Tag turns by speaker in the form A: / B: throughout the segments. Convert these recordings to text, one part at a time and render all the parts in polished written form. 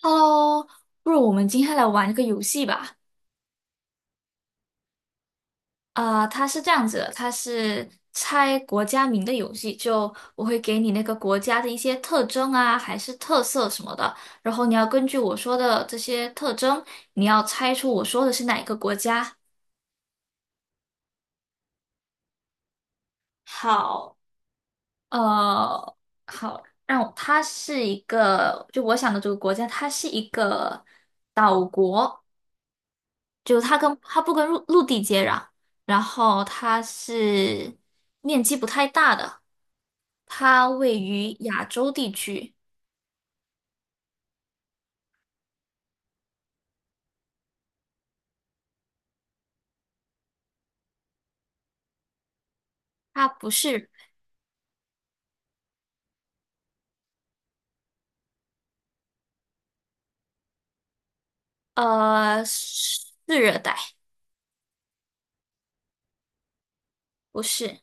A: Hello，不如我们今天来玩一个游戏吧。它是这样子的，它是猜国家名的游戏。就我会给你那个国家的一些特征啊，还是特色什么的，然后你要根据我说的这些特征，你要猜出我说的是哪一个国家。好，呃，好，让我它是一个，就我想的这个国家，它是一个岛国。就它跟它不跟陆地接壤，然后它是面积不太大的，它位于亚洲地区，它不是是热带，不是，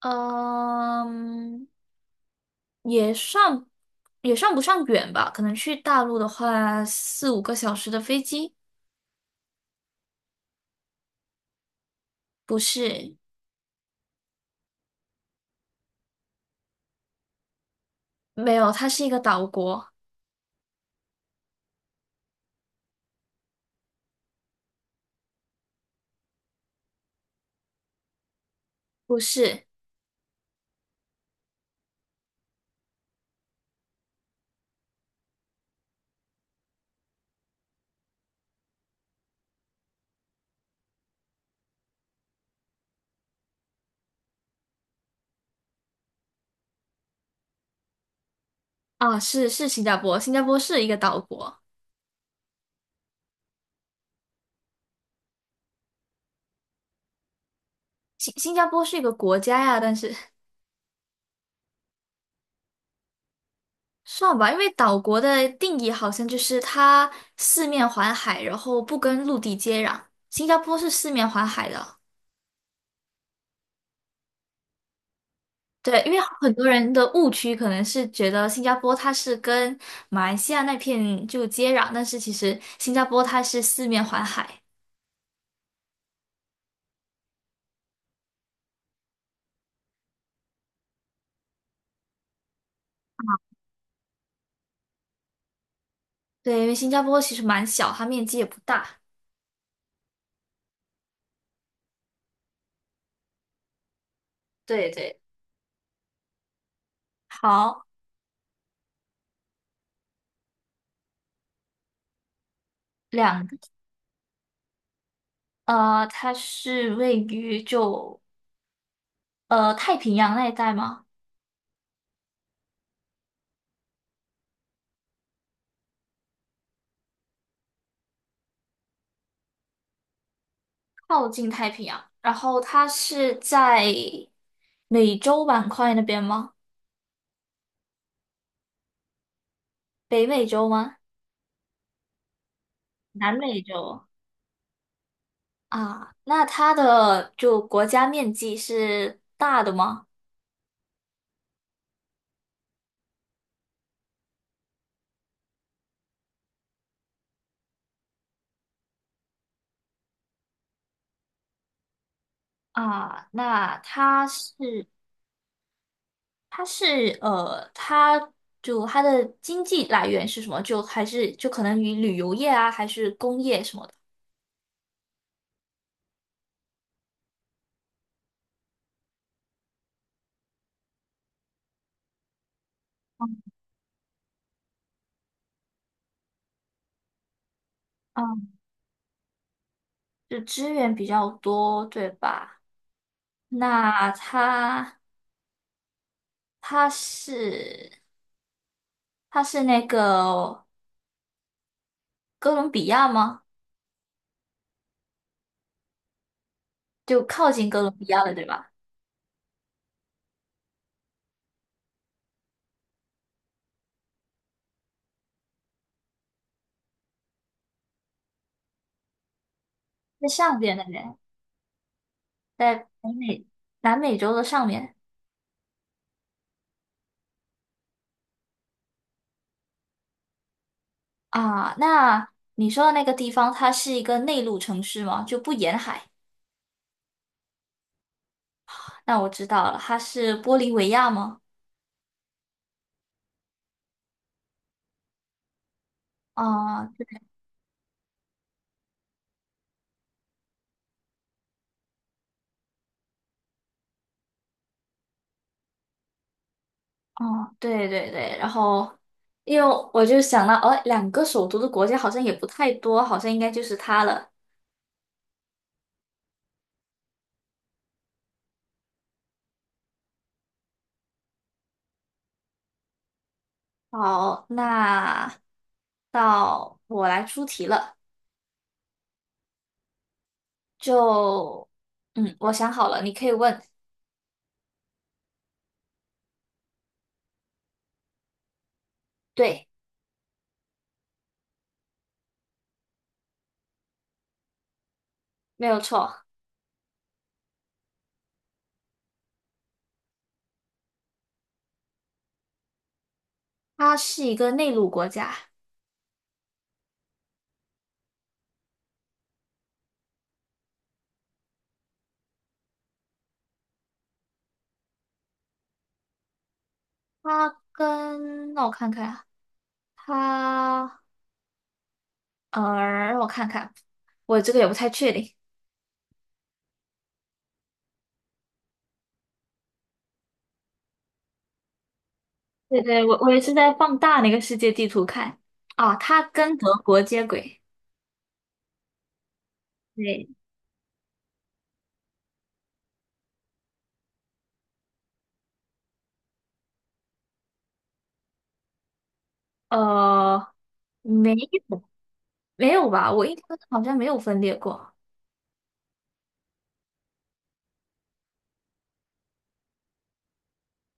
A: 嗯、也算不上远吧，可能去大陆的话四五个小时的飞机，不是，没有，它是一个岛国，不是啊，是新加坡，新加坡是一个岛国，新加坡是一个国家呀，但是。算吧，因为岛国的定义好像就是它四面环海，然后不跟陆地接壤。新加坡是四面环海的，对，因为很多人的误区可能是觉得新加坡它是跟马来西亚那片就接壤，但是其实新加坡它是四面环海。对，因为新加坡其实蛮小，它面积也不大。对对，好，两个，它是位于就太平洋那一带吗？靠近太平洋，然后它是在美洲板块那边吗？北美洲吗？南美洲啊？那它的就国家面积是大的吗？啊，那它是，它就它的经济来源是什么？就还是就可能与旅游业啊，还是工业什么的？嗯，就资源比较多，对吧？那它是它是那个哥伦比亚吗？就靠近哥伦比亚了，对吧？在上边那边，在北美南美洲的上面啊。那你说的那个地方，它是一个内陆城市吗？就不沿海？那我知道了，它是玻利维亚吗？啊，哦，对对对。然后，因为我就想到，哦，两个首都的国家好像也不太多，好像应该就是它了。好，那到我来出题了。就，嗯，我想好了，你可以问。对，没有错，它是一个内陆国家。它跟，那我看看啊，它，呃，让我看看，我这个也不太确定。对对，我也是在放大那个世界地图看。啊，它跟德国接轨。对，呃，没有，没有吧？我印象中好像没有分裂过。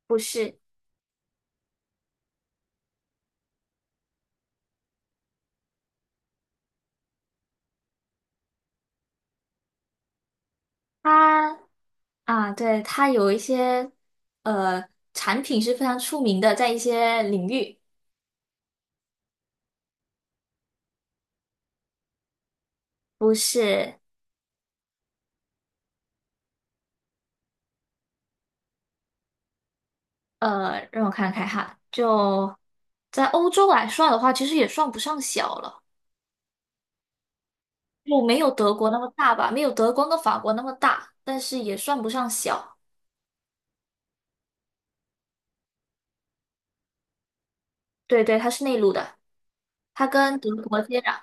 A: 不是，它。啊，对，它有一些呃产品是非常出名的，在一些领域，不是让我看看哈，就在欧洲来算的话，其实也算不上小了，就没有德国那么大吧，没有德国跟法国那么大，但是也算不上小。对对，它是内陆的，它跟德国接壤，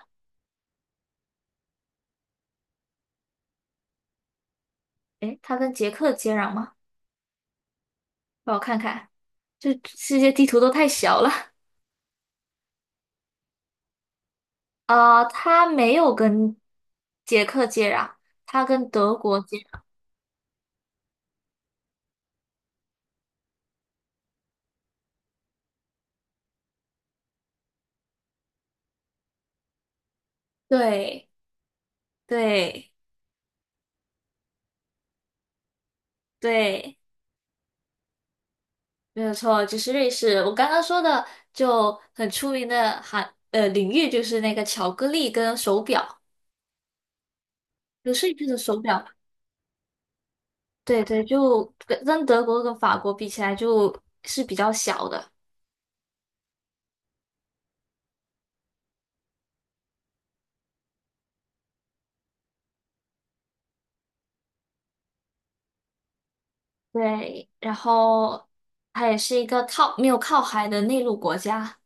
A: 诶，它跟捷克接壤吗？让我看看，这世界地图都太小了啊 它没有跟捷克接壤。它跟德国接对对对，没有错，就是瑞士。我刚刚说的就很出名的领域，就是那个巧克力跟手表，就瑞士的手表。对对，就跟德国跟法国比起来，就是比较小的。对，然后它也是一个没有靠海的内陆国家。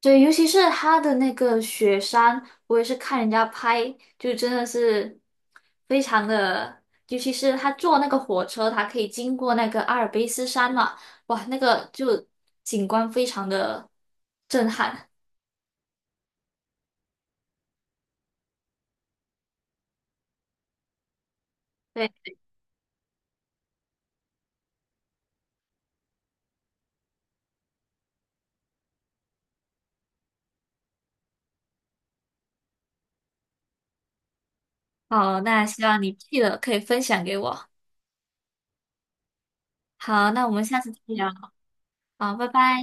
A: 对，尤其是它的那个雪山，我也是看人家拍，就真的是非常的，尤其是他坐那个火车，它可以经过那个阿尔卑斯山嘛，哇，那个就景观非常的震撼。对，好，那希望你去了可以分享给我。好，那我们下次再聊。好，拜拜。